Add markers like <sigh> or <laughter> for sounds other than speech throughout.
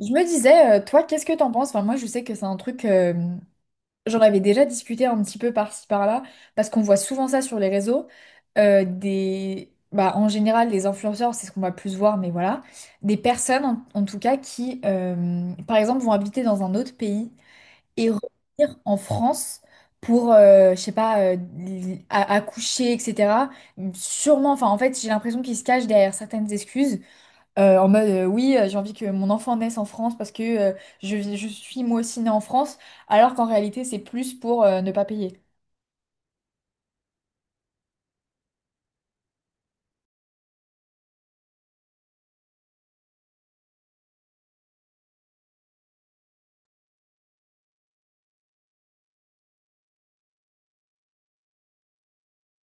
Je me disais, toi, qu'est-ce que t'en penses? Enfin, moi, je sais que c'est un truc, j'en avais déjà discuté un petit peu par-ci, par-là, parce qu'on voit souvent ça sur les réseaux. Bah, en général, les influenceurs, c'est ce qu'on va plus voir, mais voilà. Des personnes, en tout cas, qui, par exemple, vont habiter dans un autre pays et revenir en France pour, je sais pas, accoucher, etc. Sûrement, enfin, en fait, j'ai l'impression qu'ils se cachent derrière certaines excuses en mode oui, j'ai envie que mon enfant naisse en France parce que je suis moi aussi née en France, alors qu'en réalité c'est plus pour ne pas payer.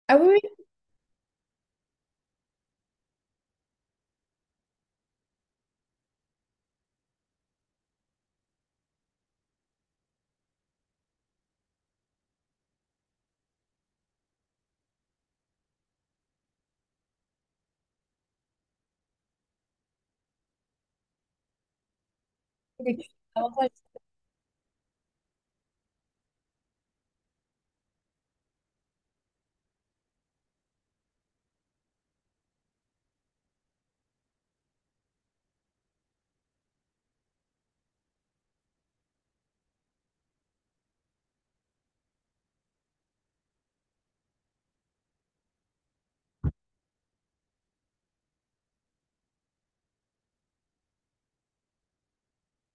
Ah oui, oui. Avantage.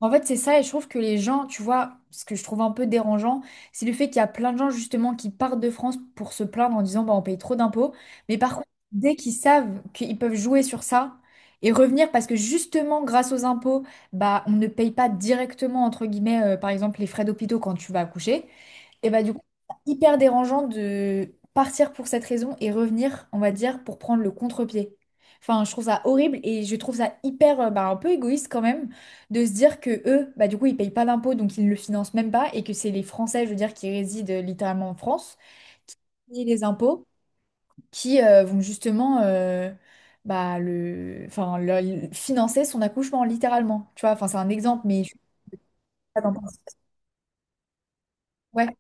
En fait, c'est ça, et je trouve que les gens, tu vois, ce que je trouve un peu dérangeant, c'est le fait qu'il y a plein de gens justement qui partent de France pour se plaindre en disant bah on paye trop d'impôts, mais par contre, dès qu'ils savent qu'ils peuvent jouer sur ça et revenir parce que justement grâce aux impôts, bah on ne paye pas directement entre guillemets par exemple les frais d'hôpitaux quand tu vas accoucher. Et bah du coup, c'est hyper dérangeant de partir pour cette raison et revenir, on va dire, pour prendre le contre-pied. Enfin, je trouve ça horrible et je trouve ça hyper, bah, un peu égoïste quand même de se dire que eux, bah du coup, ils payent pas d'impôts, donc ils ne le financent même pas et que c'est les Français, je veux dire, qui résident littéralement en France, et les impôts, qui vont justement, bah le, enfin, financer son accouchement littéralement. Tu vois, enfin, c'est un exemple, mais je sais pas t'en penses. Ouais,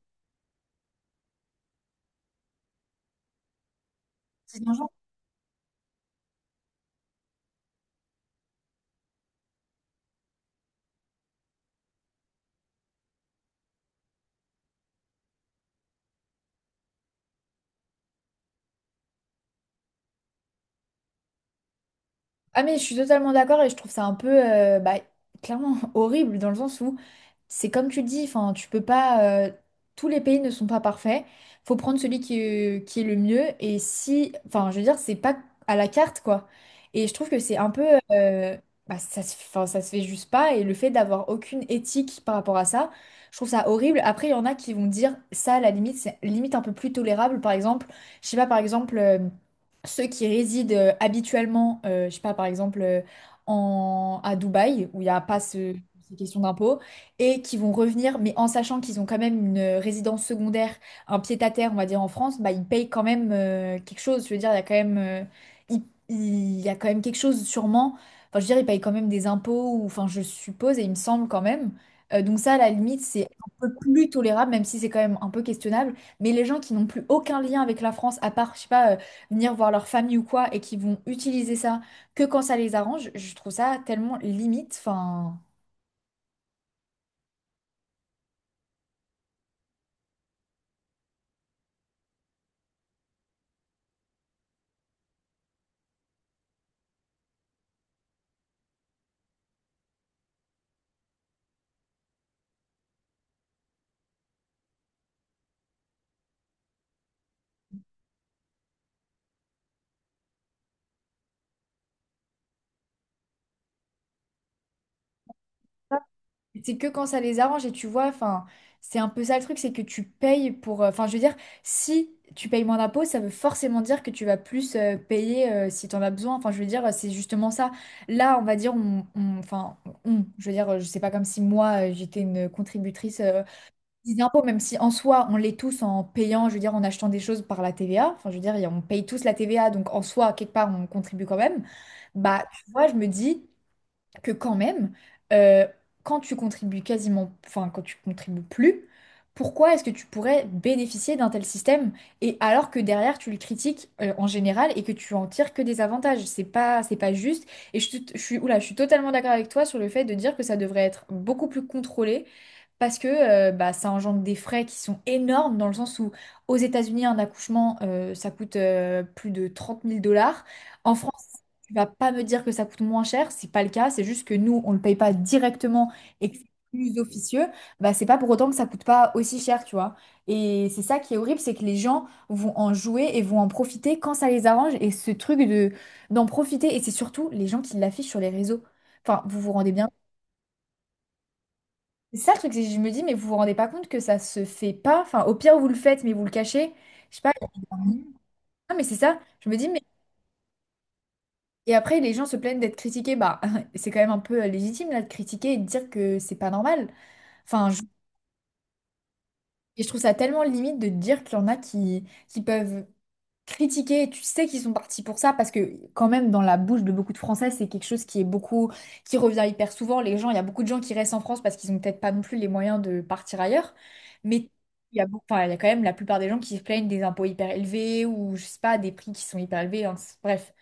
c'est. Ah mais je suis totalement d'accord et je trouve ça un peu bah, clairement <laughs> horrible dans le sens où c'est comme tu le dis, enfin tu peux pas tous les pays ne sont pas parfaits. Faut prendre celui qui est le mieux et si enfin je veux dire c'est pas à la carte quoi. Et je trouve que c'est un peu euh, bah, ça se, enfin, ça se fait juste pas et le fait d'avoir aucune éthique par rapport à ça, je trouve ça horrible. Après il y en a qui vont dire ça à la limite c'est limite un peu plus tolérable par exemple, je sais pas par exemple ceux qui résident habituellement, je sais pas, par exemple, à Dubaï, où il n'y a pas ce, ces questions d'impôts, et qui vont revenir, mais en sachant qu'ils ont quand même une résidence secondaire, un pied-à-terre, on va dire, en France, bah, ils payent quand même quelque chose. Je veux dire, il y a quand même, il, il y a quand même quelque chose sûrement. Enfin, je veux dire, ils payent quand même des impôts, ou, enfin, je suppose, et il me semble quand même. Donc ça, à la limite, c'est un peu plus tolérable, même si c'est quand même un peu questionnable. Mais les gens qui n'ont plus aucun lien avec la France, à part, je sais pas, venir voir leur famille ou quoi, et qui vont utiliser ça que quand ça les arrange, je trouve ça tellement limite. Enfin, c'est que quand ça les arrange, et tu vois, enfin, c'est un peu ça le truc, c'est que tu payes pour, enfin, je veux dire, si tu payes moins d'impôts, ça veut forcément dire que tu vas plus payer si tu en as besoin. Enfin, je veux dire, c'est justement ça. Là, on va dire, enfin, on, je veux dire, je sais pas comme si moi, j'étais une contributrice, des impôts, même si en soi, on les tous en payant, je veux dire, en achetant des choses par la TVA. Enfin, je veux dire, on paye tous la TVA, donc en soi, quelque part, on contribue quand même. Bah, tu vois, je me dis que quand même, euh, quand tu contribues quasiment, enfin quand tu contribues plus, pourquoi est-ce que tu pourrais bénéficier d'un tel système et alors que derrière tu le critiques en général et que tu en tires que des avantages? C'est pas juste. Et je suis, oula, je suis totalement d'accord avec toi sur le fait de dire que ça devrait être beaucoup plus contrôlé. Parce que bah, ça engendre des frais qui sont énormes, dans le sens où aux États-Unis, un accouchement, ça coûte plus de trente mille dollars. En France, tu vas pas me dire que ça coûte moins cher, c'est pas le cas, c'est juste que nous, on le paye pas directement et que c'est plus officieux, bah c'est pas pour autant que ça coûte pas aussi cher, tu vois. Et c'est ça qui est horrible, c'est que les gens vont en jouer et vont en profiter quand ça les arrange et ce truc de d'en profiter et c'est surtout les gens qui l'affichent sur les réseaux. Enfin, vous vous rendez bien. C'est ça le truc, c'est que je me dis mais vous vous rendez pas compte que ça se fait pas. Enfin, au pire vous le faites mais vous le cachez. Je sais pas. A- Ah, mais c'est ça. Je me dis mais. Et après, les gens se plaignent d'être critiqués. Bah, <laughs> c'est quand même un peu légitime là de critiquer et de dire que c'est pas normal. Enfin, je, et je trouve ça tellement limite de te dire qu'il y en a qui peuvent critiquer. Tu sais qu'ils sont partis pour ça parce que quand même dans la bouche de beaucoup de Français, c'est quelque chose qui est beaucoup, qui revient hyper souvent. Les gens, il y a beaucoup de gens qui restent en France parce qu'ils n'ont peut-être pas non plus les moyens de partir ailleurs. Mais il y a, beaucoup- enfin, il y a quand même la plupart des gens qui se plaignent des impôts hyper élevés ou je sais pas des prix qui sont hyper élevés. Hein. Bref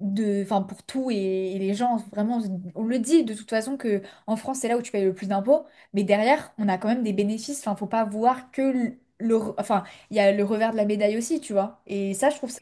de, enfin pour tout et les gens vraiment on le dit de toute façon que en France c'est là où tu payes le plus d'impôts mais derrière on a quand même des bénéfices enfin faut pas voir que le, enfin il y a le revers de la médaille aussi tu vois et ça je trouve ça.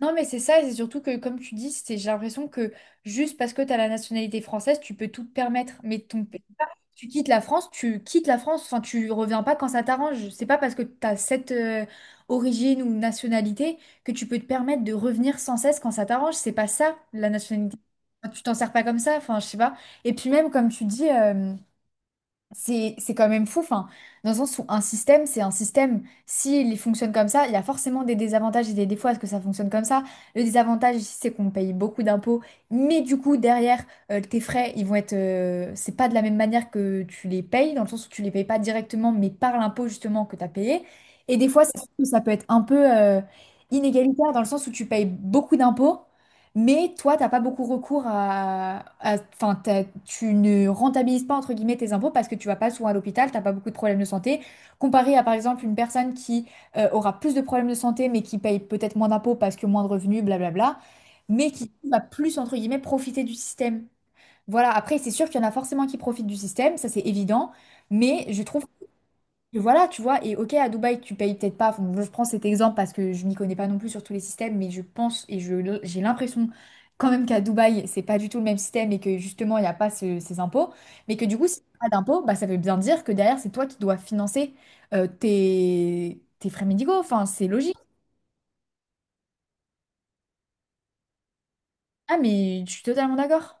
Non mais c'est ça et c'est surtout que comme tu dis c'est j'ai l'impression que juste parce que tu as la nationalité française tu peux tout te permettre mais ton. Tu quittes la France, tu quittes la France, enfin tu reviens pas quand ça t'arrange. C'est pas parce que tu as cette origine ou nationalité que tu peux te permettre de revenir sans cesse quand ça t'arrange. C'est pas ça la nationalité. Enfin, tu t'en sers pas comme ça, enfin je sais pas. Et puis même comme tu dis, c'est quand même fou, enfin, dans le sens où un système, c'est un système. S'il fonctionne comme ça, il y a forcément des désavantages et des défauts à ce que ça fonctionne comme ça. Le désavantage ici, c'est qu'on paye beaucoup d'impôts, mais du coup, derrière, tes frais, ils vont être. C'est pas de la même manière que tu les payes, dans le sens où tu les payes pas directement, mais par l'impôt justement que tu as payé. Et des fois, c'est sûr que ça peut être un peu inégalitaire, dans le sens où tu payes beaucoup d'impôts. Mais toi, t'as pas beaucoup recours enfin, tu ne rentabilises pas entre guillemets tes impôts parce que tu vas pas souvent à l'hôpital, t'as pas beaucoup de problèmes de santé, comparé à par exemple une personne qui aura plus de problèmes de santé mais qui paye peut-être moins d'impôts parce que moins de revenus, blablabla, mais qui va plus entre guillemets profiter du système. Voilà. Après, c'est sûr qu'il y en a forcément qui profitent du système, ça c'est évident, mais je trouve. Et voilà, tu vois, et ok, à Dubaï, tu payes peut-être pas, enfin, je prends cet exemple parce que je m'y connais pas non plus sur tous les systèmes, mais je pense et je, j'ai l'impression quand même qu'à Dubaï, c'est pas du tout le même système et que justement, il n'y a pas ces impôts, mais que du coup, si t'as pas d'impôts, bah, ça veut bien dire que derrière, c'est toi qui dois financer tes frais médicaux, enfin, c'est logique. Ah, mais je suis totalement d'accord.